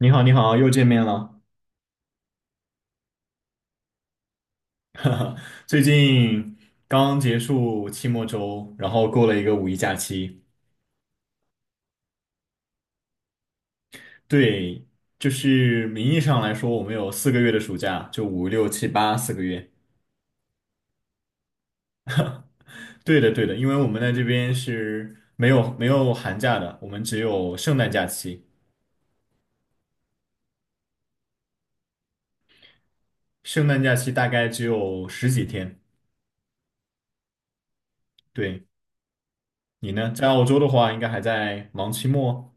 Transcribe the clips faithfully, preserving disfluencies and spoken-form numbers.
你好，你好，又见面了。最近刚结束期末周，然后过了一个五一假期。对，就是名义上来说，我们有四个月的暑假，就五六七八四个月。对的，对的，因为我们在这边是没有没有寒假的，我们只有圣诞假期。圣诞假期大概只有十几天。对，你呢？在澳洲的话，应该还在忙期末，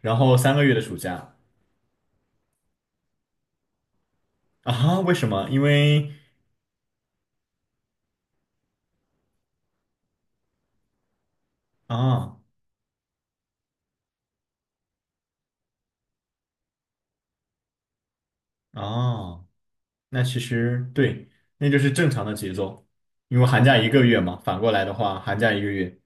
然后三个月的暑假啊？为什么？因为啊啊。那其实对，那就是正常的节奏，因为寒假一个月嘛，反过来的话，寒假一个月，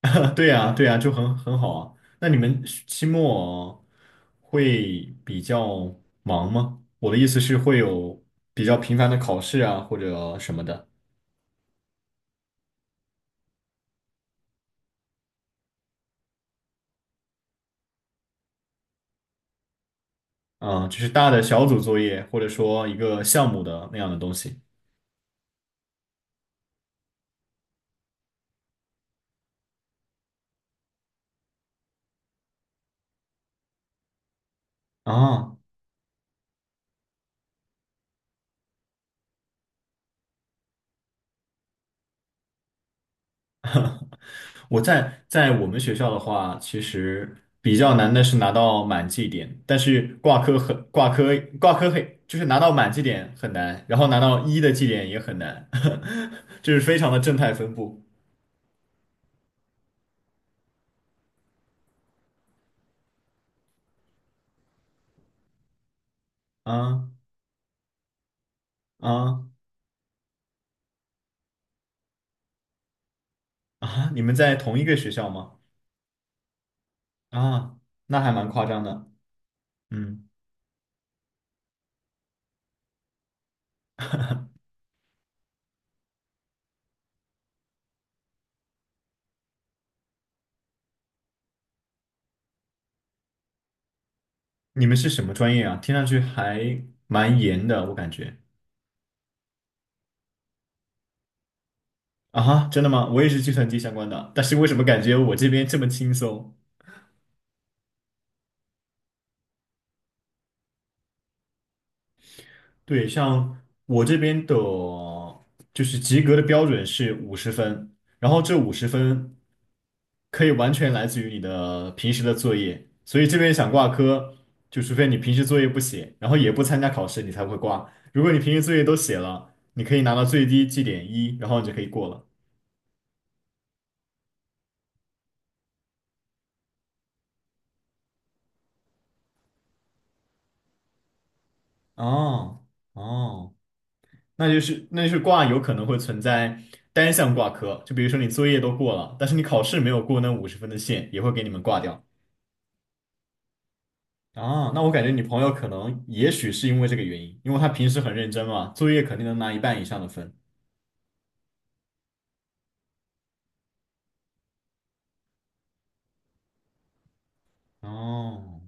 对呀，对呀，就很很好啊。那你们期末会比较忙吗？我的意思是会有比较频繁的考试啊，或者什么的，嗯，就是大的小组作业，或者说一个项目的那样的东西啊。我在在我们学校的话，其实比较难的是拿到满绩点，但是挂科很挂科挂科很就是拿到满绩点很难，然后拿到一的绩点也很难，就是非常的正态分布啊啊啊！你们在同一个学校吗？啊，那还蛮夸张的。嗯，你们是什么专业啊？听上去还蛮严的，我感觉。啊哈，真的吗？我也是计算机相关的，但是为什么感觉我这边这么轻松？对，像我这边的，就是及格的标准是五十分，然后这五十分可以完全来自于你的平时的作业，所以这边想挂科，就除非你平时作业不写，然后也不参加考试，你才会挂。如果你平时作业都写了，你可以拿到最低绩点一，然后你就可以过了。哦哦，那就是那就是挂有可能会存在单项挂科，就比如说你作业都过了，但是你考试没有过那五十分的线，也会给你们挂掉。啊，那我感觉你朋友可能也许是因为这个原因，因为他平时很认真嘛，作业肯定能拿一半以上的分。哦，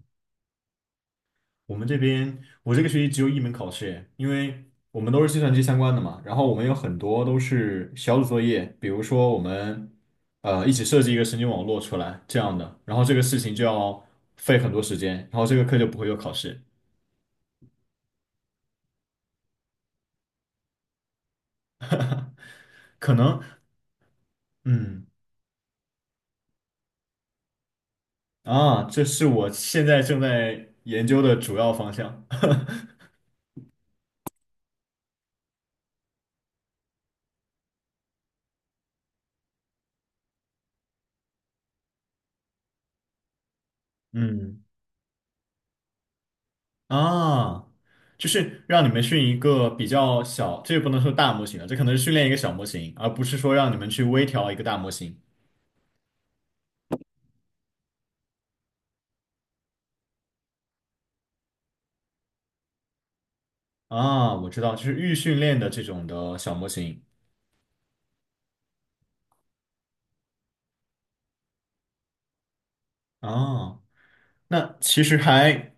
我们这边我这个学期只有一门考试耶，因为我们都是计算机相关的嘛，然后我们有很多都是小组作业，比如说我们呃一起设计一个神经网络出来这样的，然后这个事情就要费很多时间，然后这个课就不会有考试，可能嗯啊，这是我现在正在研究的主要方向。嗯啊，就是让你们训一个比较小，这也不能说大模型了，这可能是训练一个小模型，而不是说让你们去微调一个大模型啊。我知道，就是预训练的这种的小模型啊。那其实还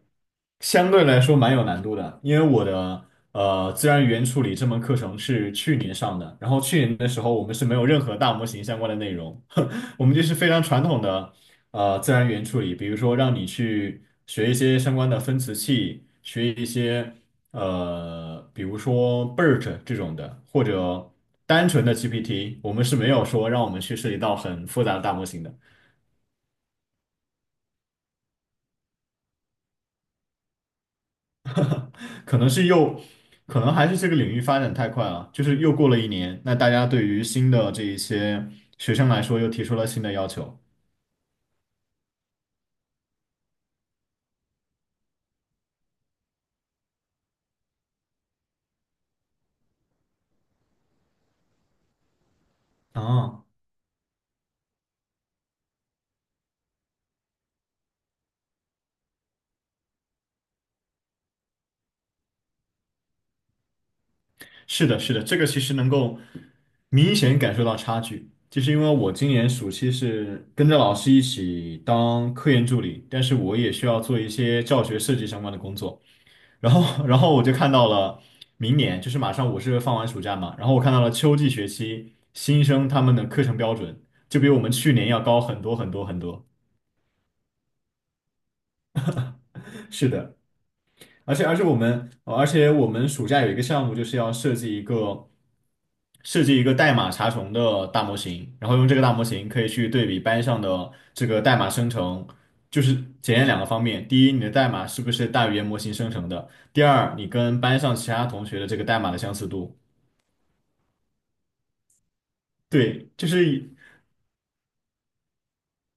相对来说蛮有难度的，因为我的呃自然语言处理这门课程是去年上的，然后去年的时候我们是没有任何大模型相关的内容，我们就是非常传统的呃自然语言处理，比如说让你去学一些相关的分词器，学一些呃比如说 B E R T 这种的，或者单纯的 G P T，我们是没有说让我们去涉及到很复杂的大模型的。可能是又，可能还是这个领域发展太快了，就是又过了一年，那大家对于新的这一些学生来说又提出了新的要求。啊，是的，是的，这个其实能够明显感受到差距，就是因为我今年暑期是跟着老师一起当科研助理，但是我也需要做一些教学设计相关的工作。然后，然后我就看到了明年，就是马上我是放完暑假嘛，然后我看到了秋季学期新生他们的课程标准就比我们去年要高很多很多很多。是的，而且而且我们，呃而且我们暑假有一个项目就是要设计一个设计一个代码查重的大模型，然后用这个大模型可以去对比班上的这个代码生成，就是检验两个方面，第一，你的代码是不是大语言模型生成的，第二，你跟班上其他同学的这个代码的相似度。对，就是以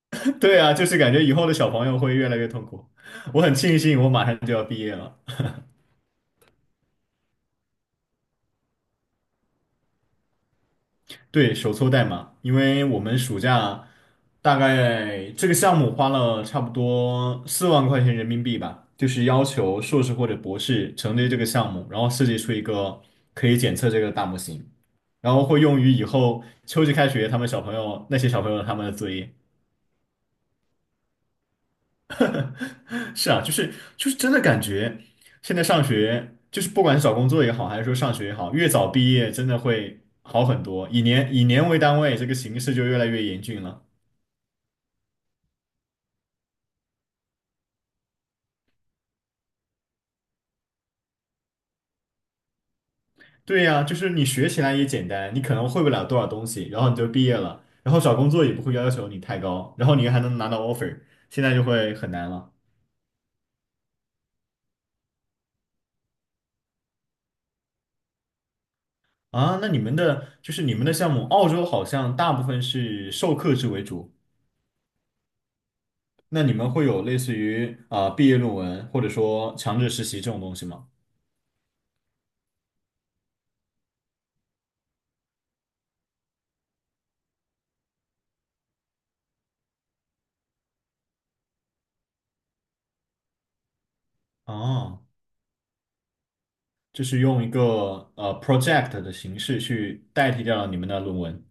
对啊，就是感觉以后的小朋友会越来越痛苦。我很庆幸我马上就要毕业了。对，手搓代码，因为我们暑假大概这个项目花了差不多四万块钱人民币吧，就是要求硕士或者博士承接这个项目，然后设计出一个可以检测这个大模型，然后会用于以后秋季开学他们小朋友那些小朋友他们的作业。是啊，就是就是真的感觉，现在上学就是不管是找工作也好，还是说上学也好，越早毕业真的会好很多。以年以年为单位，这个形势就越来越严峻了。对呀，就是你学起来也简单，你可能会不了多少东西，然后你就毕业了，然后找工作也不会要求你太高，然后你还能拿到 offer，现在就会很难了啊。那你们的就是你们的项目，澳洲好像大部分是授课制为主，那你们会有类似于啊、呃毕业论文或者说强制实习这种东西吗？哦，就是用一个呃 project 的形式去代替掉了你们的论文，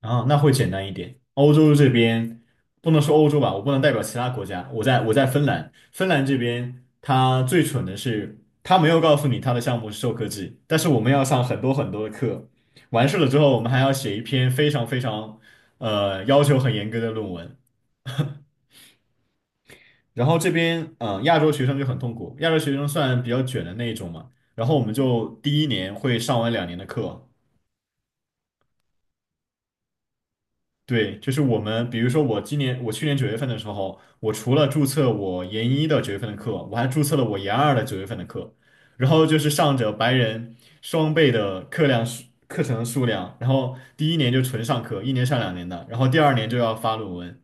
啊，那会简单一点。欧洲这边不能说欧洲吧，我不能代表其他国家。我在我在芬兰，芬兰这边他最蠢的是，他没有告诉你他的项目是授课制，但是我们要上很多很多的课，完事了之后，我们还要写一篇非常非常呃要求很严格的论文。然后这边嗯、呃亚洲学生就很痛苦，亚洲学生算比较卷的那一种嘛。然后我们就第一年会上完两年的课，对，就是我们，比如说我今年，我去年九月份的时候，我除了注册我研一的九月份的课，我还注册了我研二的九月份的课，然后就是上着白人双倍的课量数课程数量，然后第一年就纯上课，一年上两年的，然后第二年就要发论文。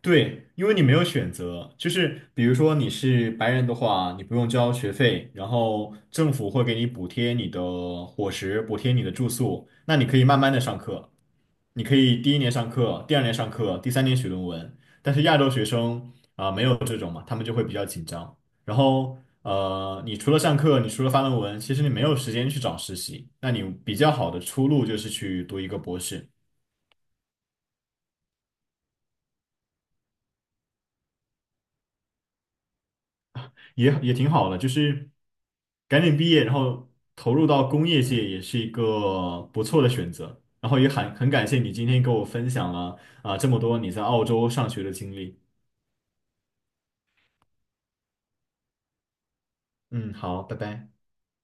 对，因为你没有选择，就是比如说你是白人的话，你不用交学费，然后政府会给你补贴你的伙食，补贴你的住宿，那你可以慢慢的上课，你可以第一年上课，第二年上课，第三年写论文。但是亚洲学生啊、没有这种嘛，他们就会比较紧张。然后呃，你除了上课，你除了发论文，其实你没有时间去找实习，那你比较好的出路就是去读一个博士。也也挺好的，就是赶紧毕业，然后投入到工业界也是一个不错的选择。然后也很很感谢你今天跟我分享了啊、这么多你在澳洲上学的经历。嗯，好，拜拜。